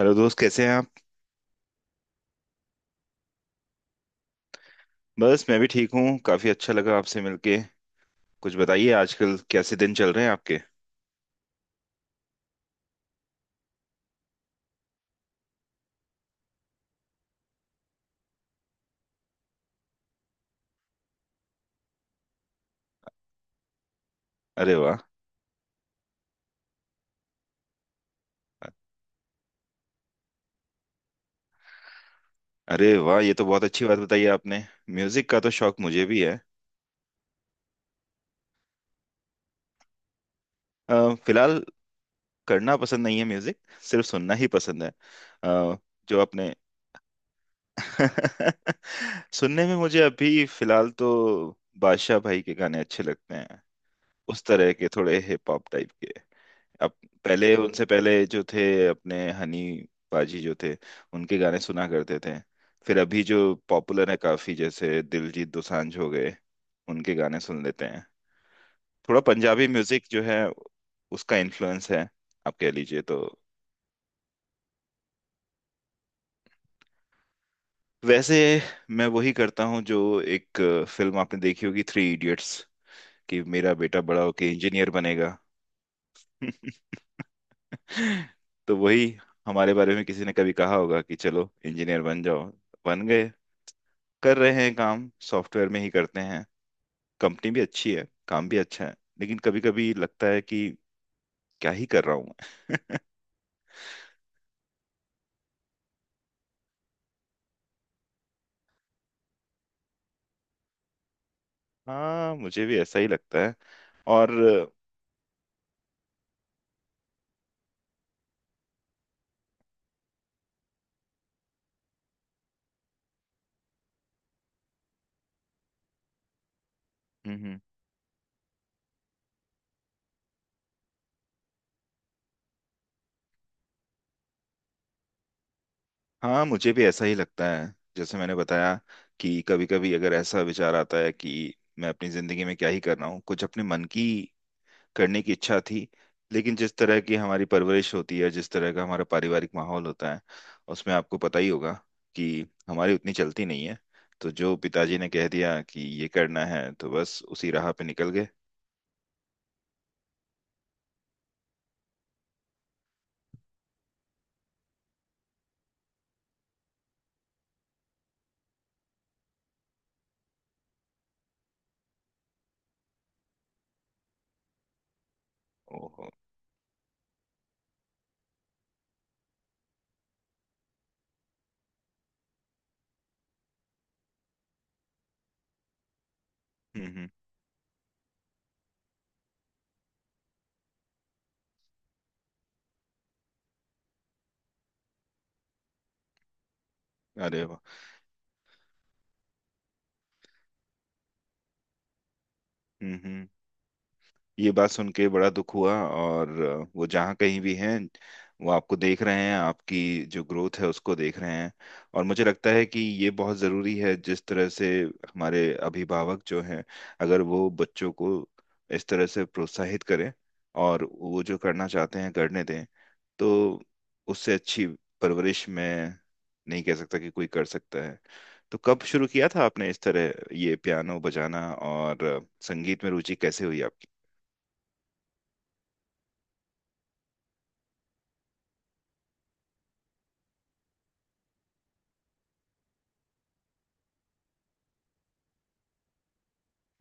Hello दोस्त, कैसे हैं आप? बस मैं भी ठीक हूँ। काफी अच्छा लगा आपसे मिलके। कुछ बताइए, आजकल कैसे दिन चल रहे हैं आपके? अरे वाह। अरे वाह, ये तो बहुत अच्छी बात बताई आपने। म्यूजिक का तो शौक मुझे भी है। फिलहाल करना पसंद नहीं है म्यूजिक। सिर्फ सुनना ही पसंद है। अ, जो आपने सुनने में मुझे अभी फिलहाल तो बादशाह भाई के गाने अच्छे लगते हैं। उस तरह के थोड़े हिप हॉप टाइप के। अब, पहले उनसे पहले जो थे अपने हनी पाजी जो थे, उनके गाने सुना करते थे। फिर अभी जो पॉपुलर है काफी, जैसे दिलजीत दोसांझ हो गए, उनके गाने सुन लेते हैं। थोड़ा पंजाबी म्यूजिक जो है, उसका इन्फ्लुएंस है, आप कह लीजिए तो। वैसे मैं वही करता हूँ जो एक फिल्म आपने देखी होगी, थ्री इडियट्स, कि मेरा बेटा बड़ा होके इंजीनियर बनेगा। तो वही, हमारे बारे में किसी ने कभी कहा होगा कि चलो इंजीनियर बन जाओ, बन गए। कर रहे हैं काम, सॉफ्टवेयर में ही करते हैं। कंपनी भी अच्छी है, काम भी अच्छा है। लेकिन कभी कभी लगता है कि क्या ही कर रहा हूँ मैं। हाँ, मुझे भी ऐसा ही लगता है। और हम्म। हम्म, हाँ, मुझे भी ऐसा ही लगता है, जैसे मैंने बताया कि कभी कभी अगर ऐसा विचार आता है कि मैं अपनी जिंदगी में क्या ही कर रहा हूँ। कुछ अपने मन की करने की इच्छा थी। लेकिन जिस तरह की हमारी परवरिश होती है, जिस तरह का हमारा पारिवारिक माहौल होता है, उसमें आपको पता ही होगा कि हमारी उतनी चलती नहीं है। तो जो पिताजी ने कह दिया कि ये करना है तो बस उसी राह पे निकल गए। ओहो। हम्म, हम्म। अरे वाह। हम्म, हम्म। ये बात सुन के बड़ा दुख हुआ, और वो जहाँ कहीं भी हैं, वो आपको देख रहे हैं, आपकी जो ग्रोथ है उसको देख रहे हैं। और मुझे लगता है कि ये बहुत ज़रूरी है, जिस तरह से हमारे अभिभावक जो हैं, अगर वो बच्चों को इस तरह से प्रोत्साहित करें और वो जो करना चाहते हैं करने दें, तो उससे अच्छी परवरिश मैं नहीं कह सकता कि कोई कर सकता है। तो कब शुरू किया था आपने इस तरह ये पियानो बजाना, और संगीत में रुचि कैसे हुई?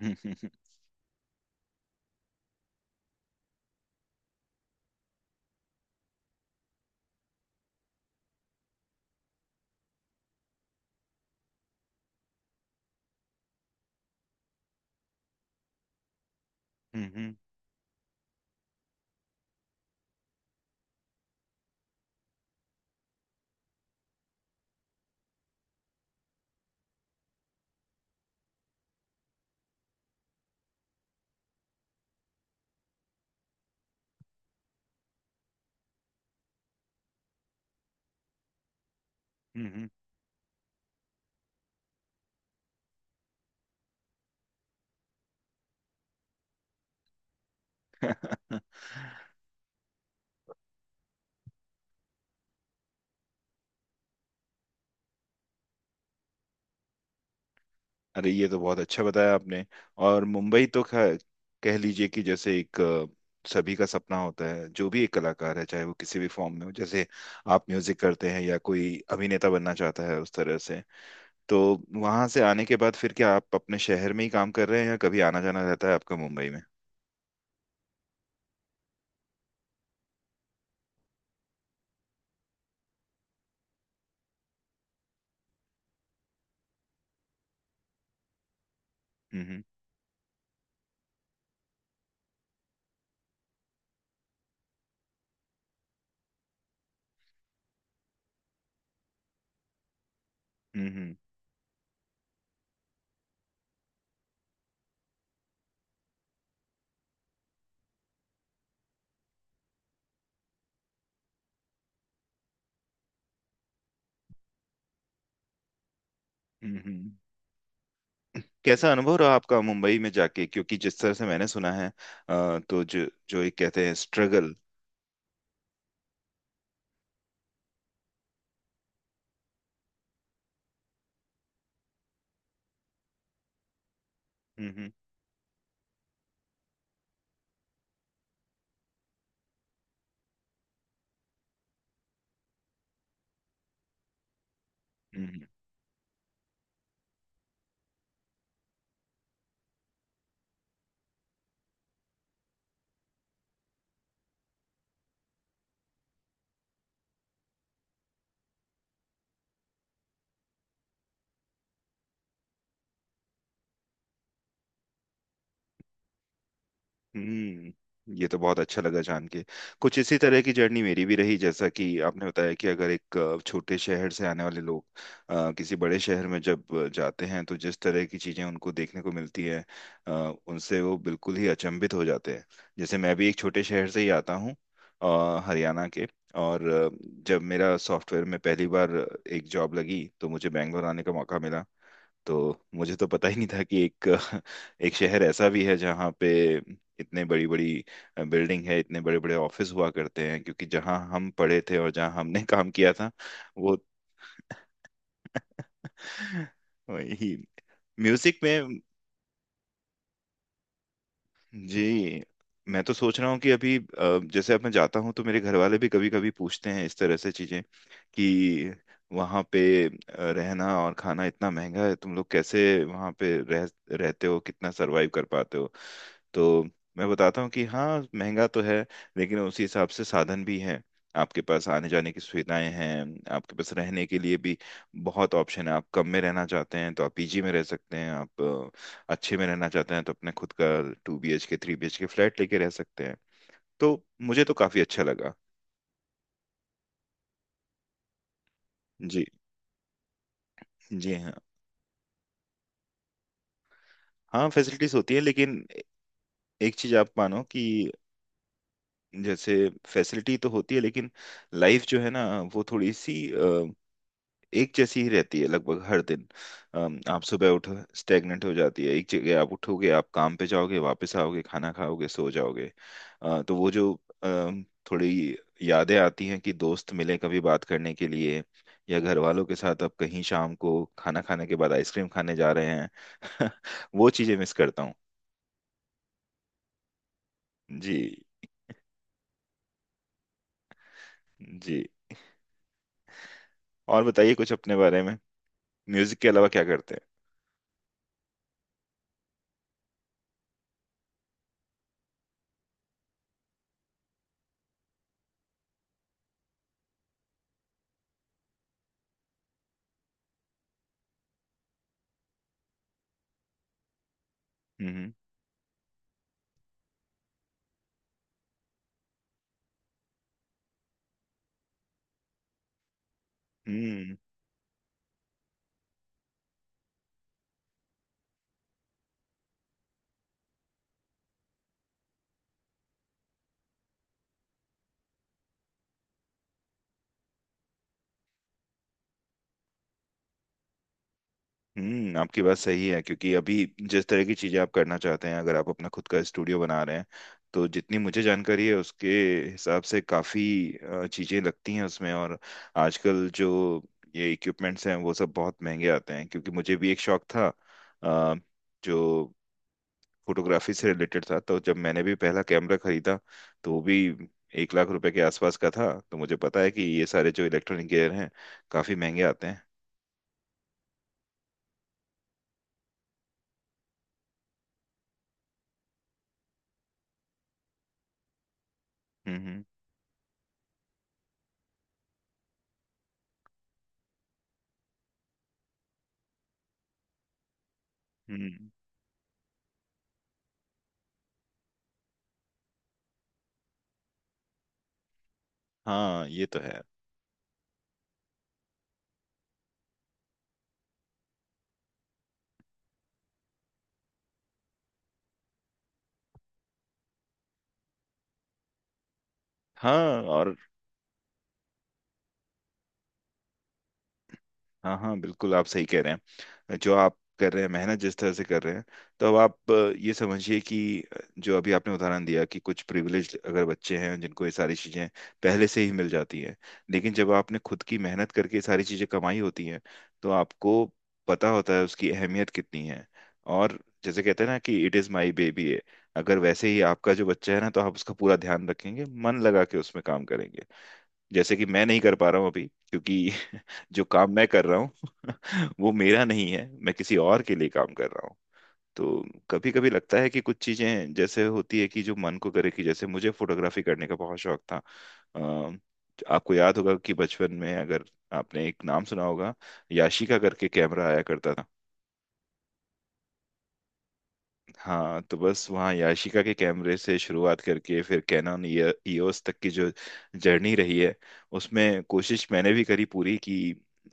हम्म, हम्म, हम्म, हम्म। अरे, ये तो बहुत अच्छा बताया आपने। और मुंबई तो कह लीजिए कि जैसे एक सभी का सपना होता है, जो भी एक कलाकार है चाहे वो किसी भी फॉर्म में हो, जैसे आप म्यूजिक करते हैं या कोई अभिनेता बनना चाहता है, उस तरह से। तो वहां से आने के बाद फिर क्या आप अपने शहर में ही काम कर रहे हैं, या कभी आना जाना रहता है आपका मुंबई में? हम्म, हम्म, हम्म, हम्म, हम्म, हम्म। कैसा अनुभव रहा आपका मुंबई में जाके, क्योंकि जिस तरह से मैंने सुना है तो जो जो एक कहते हैं स्ट्रगल। हम्म, हम्म, हम्म, हम्म। ये तो बहुत अच्छा लगा जान के। कुछ इसी तरह की जर्नी मेरी भी रही, जैसा कि आपने बताया कि अगर एक छोटे शहर से आने वाले लोग किसी बड़े शहर में जब जाते हैं, तो जिस तरह की चीजें उनको देखने को मिलती है, अ, उनसे वो बिल्कुल ही अचंभित हो जाते हैं। जैसे मैं भी एक छोटे शहर से ही आता हूँ, हरियाणा के। और जब मेरा सॉफ्टवेयर में पहली बार एक जॉब लगी तो मुझे बैंगलोर आने का मौका मिला। तो मुझे तो पता ही नहीं था कि एक एक शहर ऐसा भी है जहाँ पे इतने बड़ी बड़ी बिल्डिंग है, इतने बड़े बड़े ऑफिस हुआ करते हैं, क्योंकि जहाँ हम पढ़े थे और जहाँ हमने काम किया था। वो वही म्यूजिक में। जी। मैं तो सोच रहा हूँ कि अभी जैसे अब मैं जाता हूँ तो मेरे घर वाले भी कभी कभी पूछते हैं इस तरह से चीजें, कि वहाँ पे रहना और खाना इतना महंगा है, तुम लोग कैसे वहाँ पे रह रहते हो, कितना सरवाइव कर पाते हो। तो मैं बताता हूँ कि हाँ महंगा तो है, लेकिन उसी हिसाब से साधन भी हैं। आपके पास आने जाने की सुविधाएं हैं, आपके पास रहने के लिए भी बहुत ऑप्शन है। आप कम में रहना चाहते हैं तो आप पीजी में रह सकते हैं। आप अच्छे में रहना चाहते हैं तो अपने खुद का 2 BHK 3 BHK फ्लैट लेके रह सकते हैं। तो मुझे तो काफी अच्छा लगा। जी। जी, हाँ। हाँ, फैसिलिटीज होती है, लेकिन एक चीज आप मानो कि जैसे, फैसिलिटी तो होती है लेकिन लाइफ जो है ना, वो थोड़ी सी एक जैसी ही रहती है लगभग हर दिन। आप सुबह उठो, स्टेगनेंट हो जाती है एक जगह, आप उठोगे, आप काम पे जाओगे, वापस आओगे, खाना खाओगे, सो जाओगे। तो वो जो अम, थोड़ी यादें आती हैं कि दोस्त मिले कभी बात करने के लिए, या घर वालों के साथ आप कहीं शाम को खाना खाने के बाद आइसक्रीम खाने जा रहे हैं। वो चीजें मिस करता हूँ। जी। जी। और बताइए कुछ अपने बारे में, म्यूजिक के अलावा क्या करते हैं? हम्म, हम्म, हम्म। आपकी बात सही है, क्योंकि अभी जिस तरह की चीजें आप करना चाहते हैं, अगर आप अपना खुद का स्टूडियो बना रहे हैं, तो जितनी मुझे जानकारी है उसके हिसाब से काफी चीजें लगती हैं उसमें। और आजकल जो ये इक्विपमेंट्स हैं वो सब बहुत महंगे आते हैं, क्योंकि मुझे भी एक शौक था, अ, जो फोटोग्राफी से रिलेटेड था, तो जब मैंने भी पहला कैमरा खरीदा तो वो भी 1 लाख रुपए के आसपास का था। तो मुझे पता है कि ये सारे जो इलेक्ट्रॉनिक गियर हैं काफी महंगे आते हैं। हम्म, हम्म, हम्म। हाँ, ये तो है। हाँ, और। हाँ, हाँ, बिल्कुल, आप सही कह रहे हैं जो आप कर रहे हैं, मेहनत जिस तरह से कर रहे हैं। तो अब आप ये समझिए कि जो अभी आपने उदाहरण दिया कि कुछ प्रिविलेज अगर बच्चे हैं जिनको ये सारी चीज़ें पहले से ही मिल जाती हैं। लेकिन जब आपने खुद की मेहनत करके ये सारी चीज़ें कमाई होती हैं, तो आपको पता होता है उसकी अहमियत कितनी है। और जैसे कहते हैं ना कि इट इज़ माई बेबी है। अगर वैसे ही आपका जो बच्चा है ना, तो आप उसका पूरा ध्यान रखेंगे, मन लगा के उसमें काम करेंगे। जैसे कि मैं नहीं कर पा रहा हूँ अभी, क्योंकि जो काम मैं कर रहा हूँ वो मेरा नहीं है, मैं किसी और के लिए काम कर रहा हूँ। तो कभी कभी लगता है कि कुछ चीजें जैसे होती है कि जो मन को करे, कि जैसे मुझे फोटोग्राफी करने का बहुत शौक था। अ, आपको याद होगा कि बचपन में अगर आपने एक नाम सुना होगा, याशिका करके कैमरा आया करता था। हाँ, तो बस वहाँ याशिका के कैमरे से शुरुआत करके फिर कैनन ईओएस तक की जो जर्नी रही है, उसमें कोशिश मैंने भी करी पूरी, कि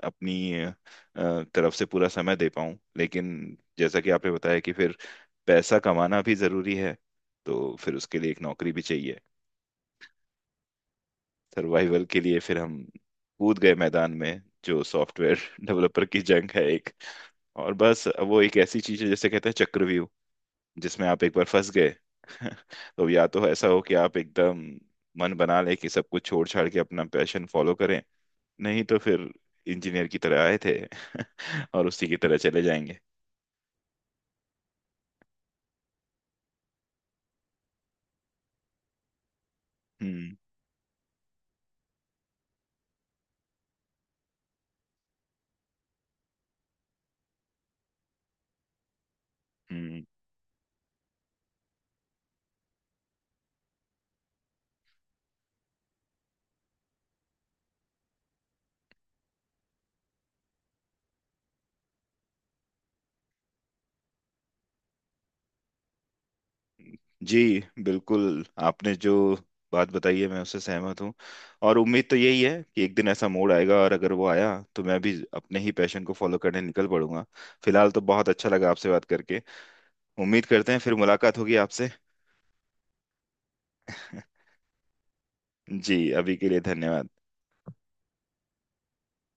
अपनी तरफ से पूरा समय दे पाऊँ, लेकिन जैसा कि आपने बताया कि फिर पैसा कमाना भी ज़रूरी है। तो फिर उसके लिए एक नौकरी भी चाहिए। सर्वाइवल के लिए फिर हम कूद गए मैदान में, जो सॉफ्टवेयर डेवलपर की जंग है एक। और बस वो एक ऐसी चीज़ है जैसे कहते हैं चक्रव्यूह, जिसमें आप एक बार फंस गए। तो या तो ऐसा हो कि आप एकदम मन बना लें कि सब कुछ छोड़ छाड़ के अपना पैशन फॉलो करें, नहीं तो फिर इंजीनियर की तरह आए थे और उसी की तरह चले जाएंगे। हम्म, हम्म। जी, बिल्कुल, आपने जो बात बताई है मैं उससे सहमत हूँ। और उम्मीद तो यही है कि एक दिन ऐसा मोड़ आएगा, और अगर वो आया तो मैं भी अपने ही पैशन को फॉलो करने निकल पड़ूंगा। फिलहाल तो बहुत अच्छा लगा आपसे बात करके। उम्मीद करते हैं फिर मुलाकात होगी आपसे। जी, अभी के लिए धन्यवाद।